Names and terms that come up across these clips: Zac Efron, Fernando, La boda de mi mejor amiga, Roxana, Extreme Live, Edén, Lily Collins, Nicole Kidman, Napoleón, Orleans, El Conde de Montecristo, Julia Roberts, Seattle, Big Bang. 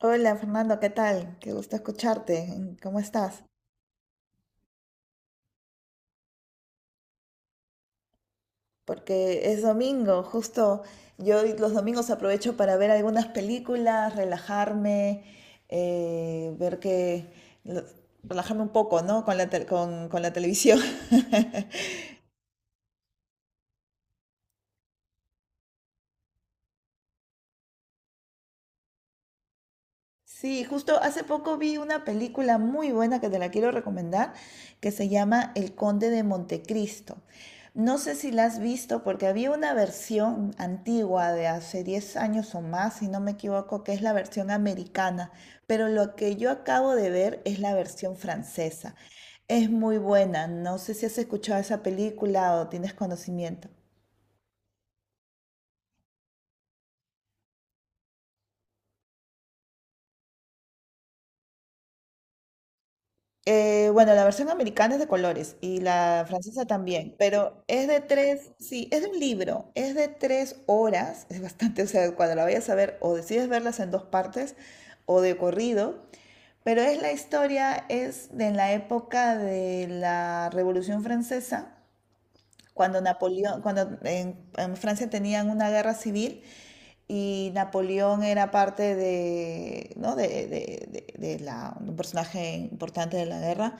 Hola Fernando, ¿qué tal? Qué gusto escucharte. Mm, ¿cómo estás? Porque es domingo, justo yo los domingos aprovecho para ver algunas películas, relajarme, ver lo- relajarme un poco, ¿no? Con la televisión. Sí, justo hace poco vi una película muy buena que te la quiero recomendar, que se llama El Conde de Montecristo. No sé si la has visto porque había una versión antigua de hace 10 años o más, si no me equivoco, que es la versión americana, pero lo que yo acabo de ver es la versión francesa. Es muy buena, no sé si has escuchado esa película o tienes conocimiento. Bueno, la versión americana es de colores y la francesa también, pero es de tres, sí, es de un libro, es de 3 horas, es bastante, o sea, cuando la vayas a ver, o decides verlas en dos partes o de corrido, pero es la historia, es de la época de la Revolución Francesa cuando Napoleón, cuando en Francia tenían una guerra civil y Napoleón era parte de, ¿no? de la, un personaje importante de la guerra.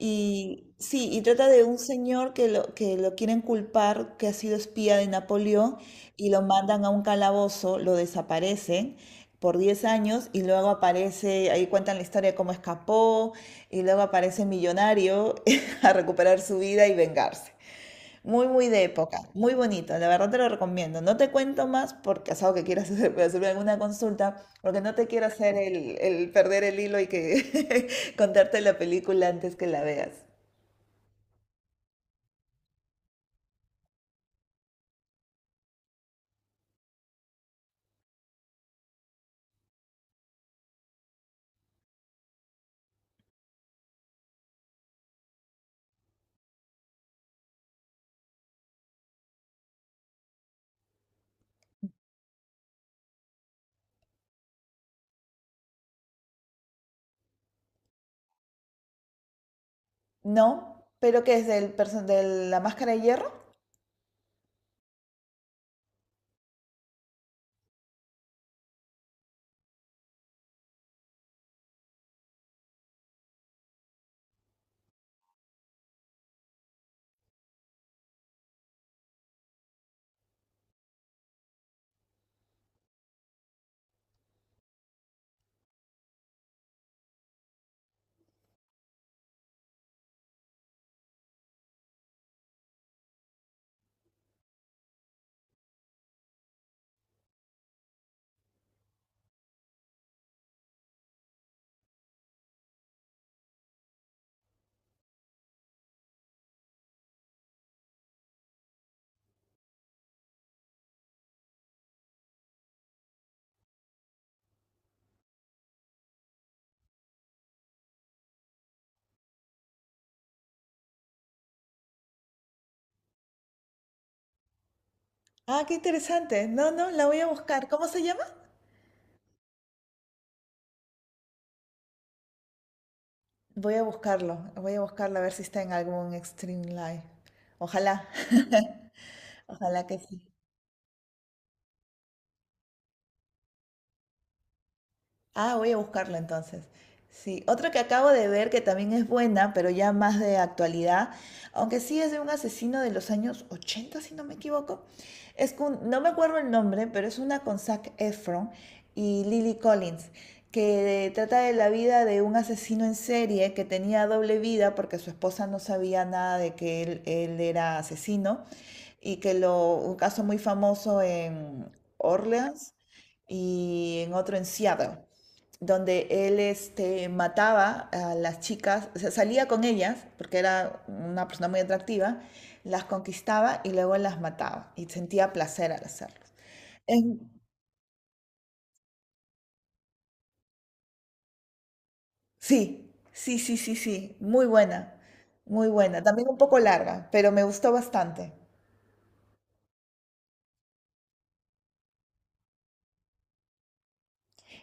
Y sí, y trata de un señor que lo quieren culpar, que ha sido espía de Napoleón, y lo mandan a un calabozo, lo desaparecen por 10 años y luego aparece, ahí cuentan la historia de cómo escapó, y luego aparece millonario a recuperar su vida y vengarse. Muy, muy de época, muy bonito, la verdad te lo recomiendo. No te cuento más porque es algo que quieras hacer, puede hacerme alguna consulta, porque no te quiero hacer el perder el hilo y que contarte la película antes que la veas. No, pero ¿qué es de la máscara de hierro? Ah, qué interesante. No, no, la voy a buscar. ¿Cómo se llama? Voy a buscarlo a ver si está en algún Extreme Live. Ojalá, ojalá que sí. Ah, voy a buscarla entonces. Sí, otro que acabo de ver que también es buena, pero ya más de actualidad, aunque sí es de un asesino de los años 80, si no me equivoco. Es con, no me acuerdo el nombre, pero es una con Zac Efron y Lily Collins, que trata de la vida de un asesino en serie que tenía doble vida porque su esposa no sabía nada de que él era asesino un caso muy famoso en Orleans y en otro en Seattle donde él este, mataba a las chicas, o sea, salía con ellas, porque era una persona muy atractiva, las conquistaba y luego las mataba y sentía placer al hacerlo. En- sí, sí, sí, sí, sí, muy buena, también un poco larga, pero me gustó bastante.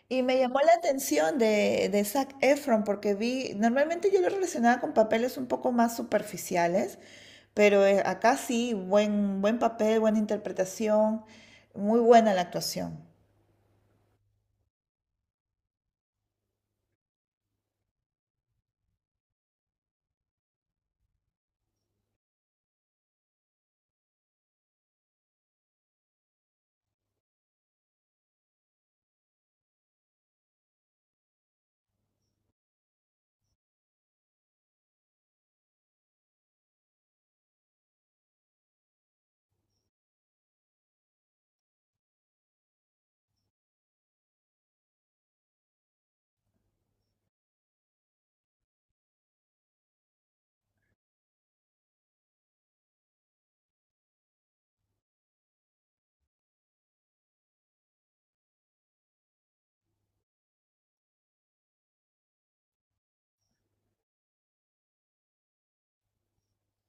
Y me llamó la atención de Zac Efron porque vi, normalmente yo lo relacionaba con papeles un poco más superficiales, pero acá sí, buen, buen papel, buena interpretación, muy buena la actuación.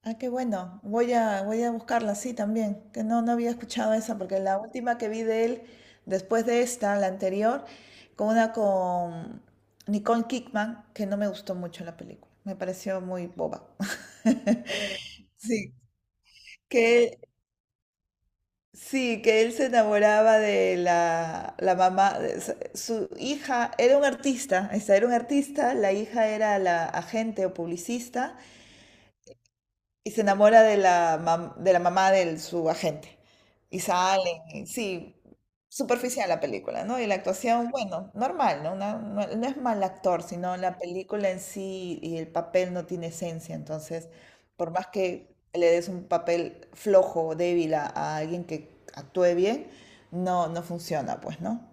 Ah, qué bueno, voy a, voy a buscarla, sí, también, que no, no había escuchado esa porque la última que vi de él, después de esta, la anterior, con una con Nicole Kidman, que no me gustó mucho la película, me pareció muy boba. Sí, que Sí, que él se enamoraba de la, la mamá, su hija era un artista, esta era un artista, la hija era la agente o publicista, y se enamora de la, de la mamá de su agente. Y salen, y sí, superficial la película, ¿no? Y la actuación, bueno, normal, ¿no? No, no es mal actor, sino la película en sí y el papel no tiene esencia. Entonces, por más que le des un papel flojo o débil a alguien que actúe bien, no, no funciona, pues, ¿no?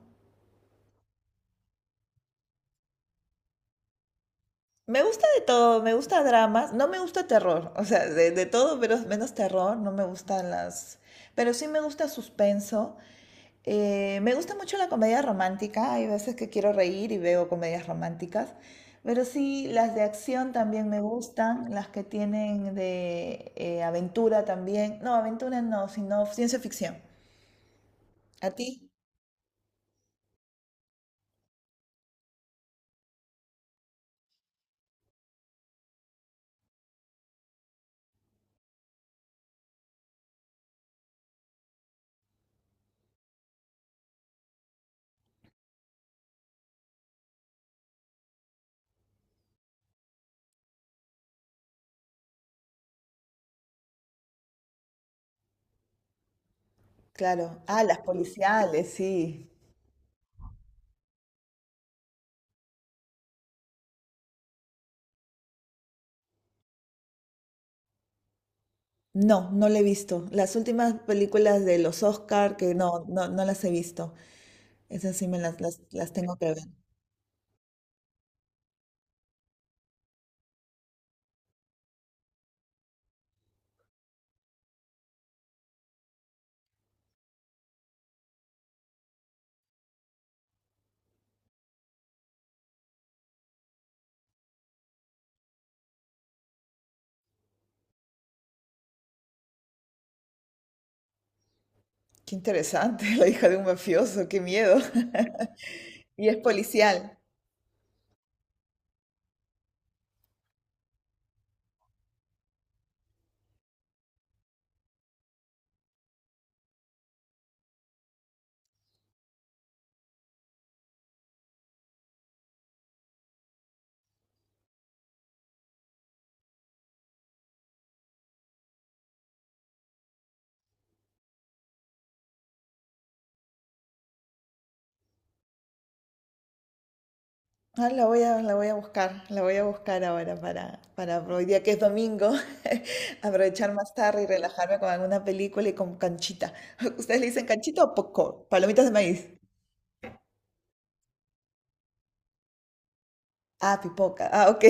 Me gusta de todo, me gusta dramas, no me gusta terror, o sea, de todo pero menos terror, no me gustan las... Pero sí me gusta suspenso. Me gusta mucho la comedia romántica, hay veces que quiero reír y veo comedias románticas, pero sí las de acción también me gustan, las que tienen de aventura también, no, aventura no, sino ciencia ficción. ¿A ti? Claro. Ah, las policiales, sí. No, no la he visto. Las últimas películas de los Oscar, que no, no, no las he visto. Esas sí me las tengo que ver. Qué interesante, la hija de un mafioso, qué miedo. Y es policial. Ah, la voy a buscar, la voy a buscar ahora para hoy día que es domingo, aprovechar más tarde y relajarme con alguna película y con canchita. ¿Ustedes le dicen canchita o popcorn? Palomitas de maíz. Ah, pipoca. Ah, ok.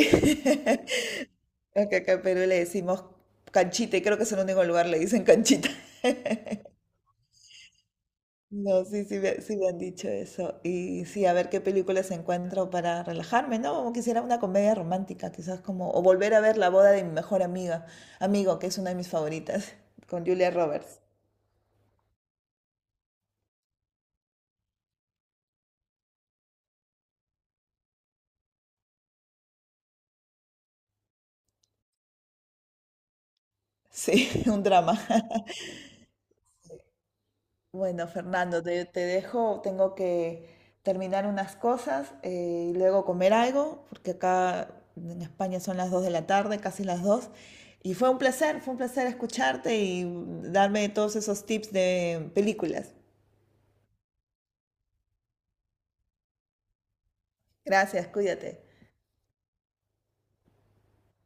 Acá, acá pero le decimos canchita y creo que es el único lugar le dicen canchita. No, sí, sí, sí me han dicho eso. Y sí, a ver qué películas encuentro para relajarme, ¿no? Como quisiera una comedia romántica, quizás como, o volver a ver La boda de mi mejor amiga, amigo, que es una de mis favoritas, con Julia Roberts. Sí, un drama. Bueno, Fernando, te dejo, tengo que terminar unas cosas y luego comer algo, porque acá en España son las 2 de la tarde, casi las 2. Y fue un placer escucharte y darme todos esos tips de películas. Gracias, cuídate.